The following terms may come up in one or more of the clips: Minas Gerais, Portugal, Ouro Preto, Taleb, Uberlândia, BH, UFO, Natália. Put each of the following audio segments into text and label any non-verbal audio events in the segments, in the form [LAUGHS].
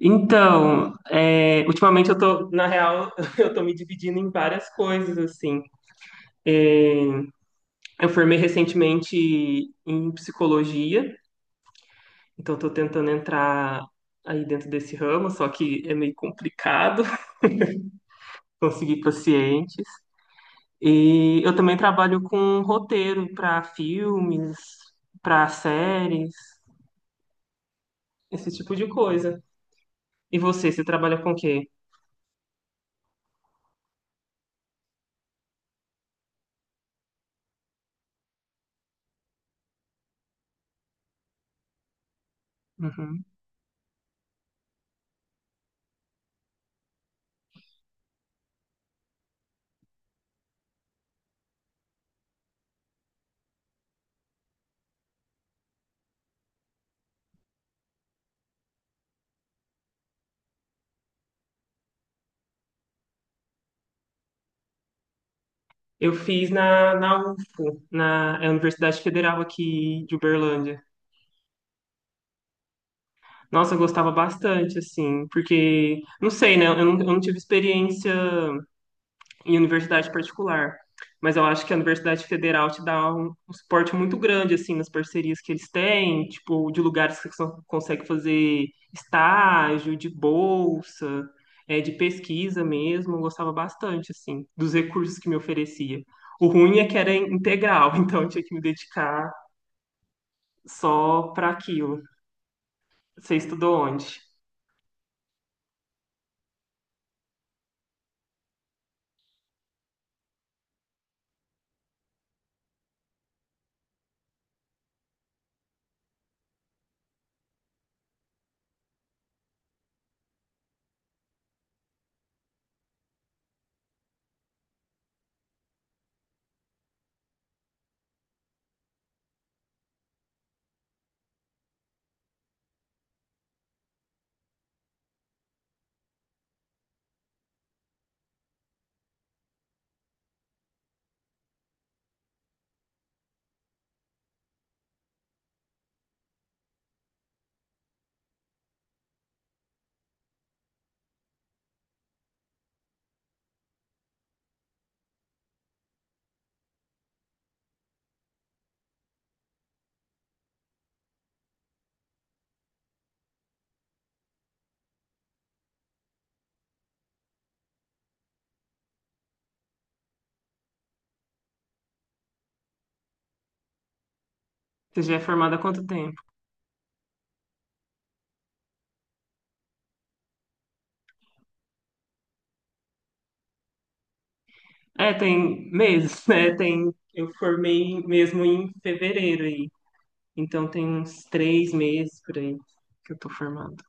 Então, é, ultimamente eu tô, na real, [LAUGHS] eu tô me dividindo em várias coisas, assim. Eu formei recentemente em psicologia, então eu tô tentando entrar aí dentro desse ramo, só que é meio complicado [LAUGHS] conseguir pacientes. E eu também trabalho com roteiro para filmes, para séries, esse tipo de coisa. E você trabalha com o quê? Eu fiz na UFO, na é a Universidade Federal aqui de Uberlândia. Nossa, eu gostava bastante, assim, porque, não sei, né? Eu não tive experiência em universidade particular, mas eu acho que a Universidade Federal te dá um suporte muito grande, assim, nas parcerias que eles têm, tipo, de lugares que você consegue fazer estágio, de bolsa, é, de pesquisa mesmo. Eu gostava bastante, assim, dos recursos que me oferecia. O ruim é que era integral, [LAUGHS] então eu tinha que me dedicar só para aquilo. Você estudou onde? Você já é formada há quanto tempo? É, tem meses, [LAUGHS] né? Eu formei mesmo em fevereiro aí. Então tem uns 3 meses por aí que eu tô formada.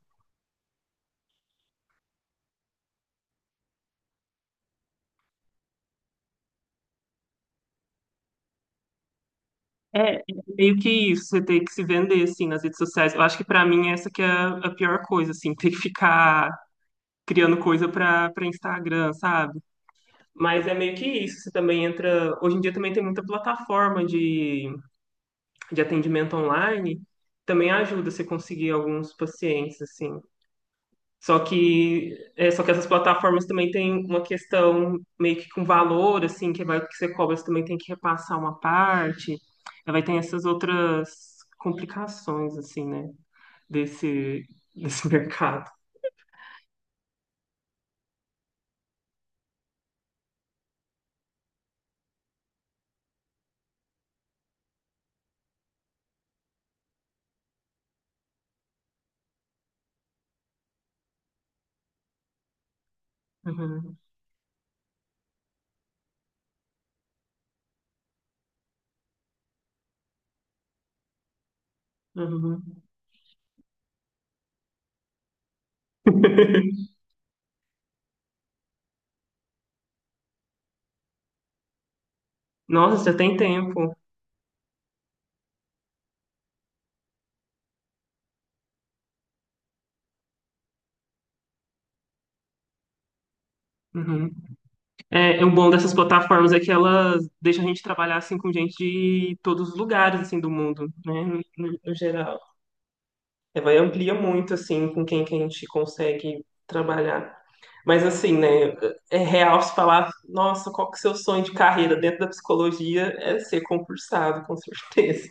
É meio que isso, você ter que se vender, assim, nas redes sociais. Eu acho que pra mim essa que é a pior coisa, assim, [LAUGHS] ter que ficar criando coisa pra Instagram, sabe? Mas é meio que isso, você também entra. Hoje em dia também tem muita plataforma de atendimento online também ajuda você conseguir alguns pacientes, assim. Só que essas plataformas também têm uma questão meio que com valor, assim, que vai que você cobra, você também tem que repassar uma parte. Aí vai ter essas outras complicações, assim, né? Desse, desse [LAUGHS] mercado. Uhum, uhum. [LAUGHS] Nossa, já tem tempo. Uhum. É um bom dessas plataformas é que elas deixam a gente trabalhar assim com gente de todos os lugares assim do mundo, né, no geral. É, vai amplia muito assim com quem que a gente consegue trabalhar. Mas assim, né, é real se falar, nossa, qual que é o seu sonho de carreira dentro da psicologia é ser concursado, com certeza.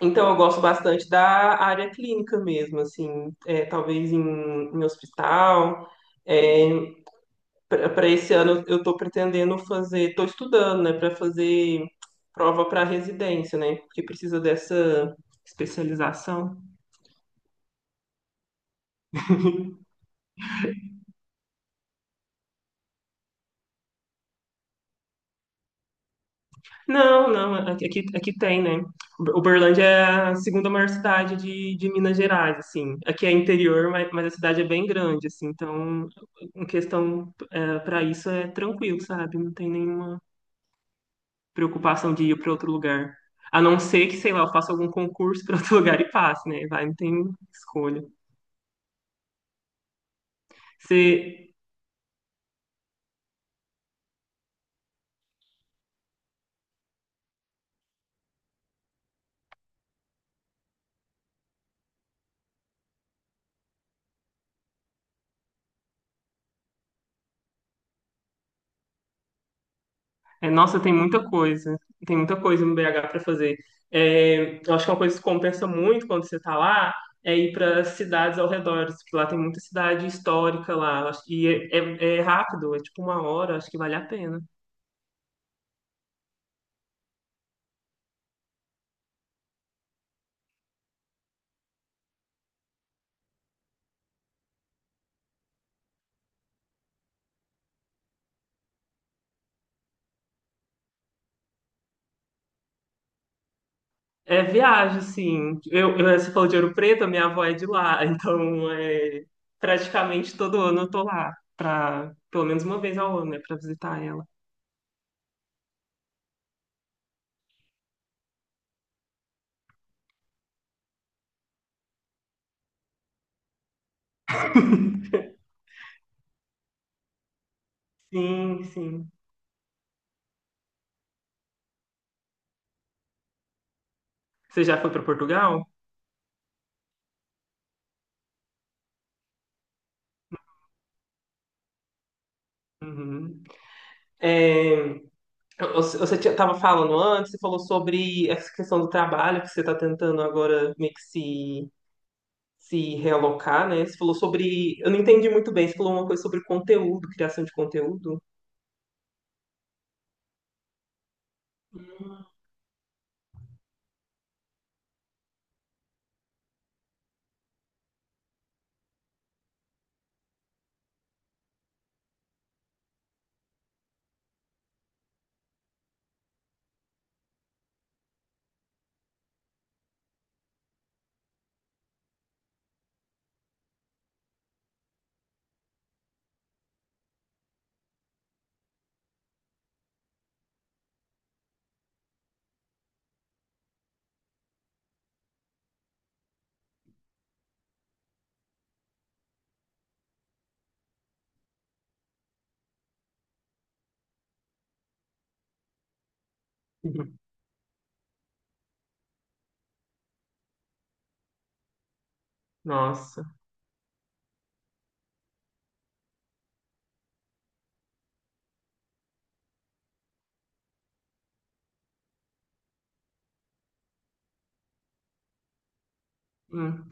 Então eu gosto bastante da área clínica mesmo, assim, é, talvez em hospital, é, para esse ano eu estou pretendendo fazer, estou estudando, né, para fazer prova para residência, né, porque precisa dessa especialização. Não, não, aqui, aqui tem, né? Uberlândia é a segunda maior cidade de Minas Gerais, assim. Aqui é interior, mas a cidade é bem grande, assim. Então, em questão para isso é tranquilo, sabe? Não tem nenhuma preocupação de ir para outro lugar. A não ser que, sei lá, eu faça algum concurso para outro [LAUGHS] lugar e passe, né? Vai, não tem escolha. Você, é, nossa, tem muita coisa. Tem muita coisa no BH para fazer. É, eu acho que é uma coisa que compensa muito quando você está lá é ir para cidades ao redor, porque lá tem muita cidade histórica lá. E é rápido, é tipo uma hora, acho que vale a pena. É viagem, assim. Você falou de Ouro Preto, a minha avó é de lá, [LAUGHS] então é, praticamente todo ano eu tô lá, pelo menos uma vez ao ano, né, para visitar ela. Sim, sim. Você já foi para Portugal? Uhum. É, você tava falando antes, você falou sobre essa questão do trabalho, que você está tentando agora meio que se realocar, né? Você falou sobre. Eu não entendi muito bem, você falou uma coisa sobre conteúdo, criação de conteúdo. Uhum. Nossa. Hum.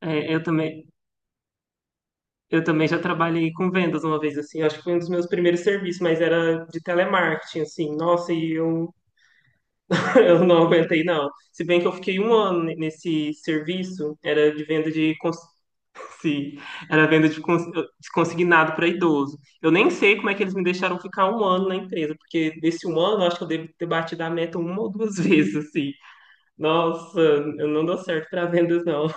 É, eu também já trabalhei com vendas uma vez, assim, acho que foi um dos meus primeiros serviços, mas era de telemarketing, assim. Nossa, e eu, [LAUGHS] eu não aguentei, não. Se bem que eu fiquei um ano nesse serviço, era de venda de cons- Sim, era venda de consignado para idoso. Eu nem sei como é que eles me deixaram ficar um ano na empresa, porque desse um ano eu acho que eu devo ter batido a meta uma ou duas [LAUGHS] vezes, assim. Nossa, eu não dou certo para vendas, não.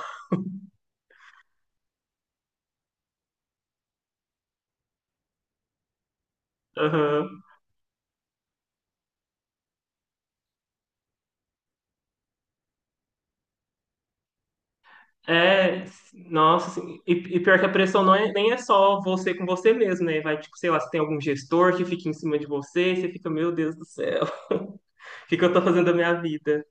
Aham. É, nossa, assim, e pior que a pressão não é, nem é só você com você mesmo, né? Vai, tipo, sei lá, se tem algum gestor que fica em cima de você, você fica, meu Deus do céu, [LAUGHS] o que que eu tô fazendo da minha vida?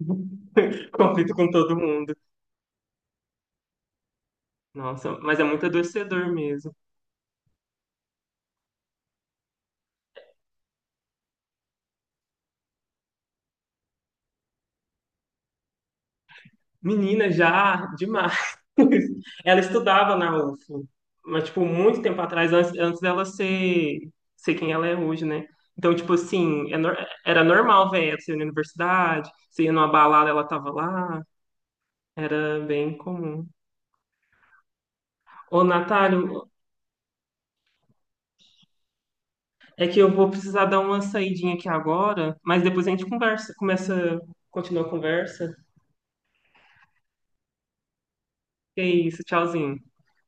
[LAUGHS] Conflito com todo mundo. Nossa, mas é muito adoecedor mesmo. Menina, já demais. [LAUGHS] Ela estudava na UFO, mas, tipo, muito tempo atrás, antes dela ser quem ela é hoje, né? Então, tipo assim, era normal ver ela, você ia na universidade, você ia numa balada, ela tava lá, era bem comum. Ô, Natália, é que eu vou precisar dar uma saidinha aqui agora, mas depois a gente conversa, continua a conversa. Que é isso, tchauzinho.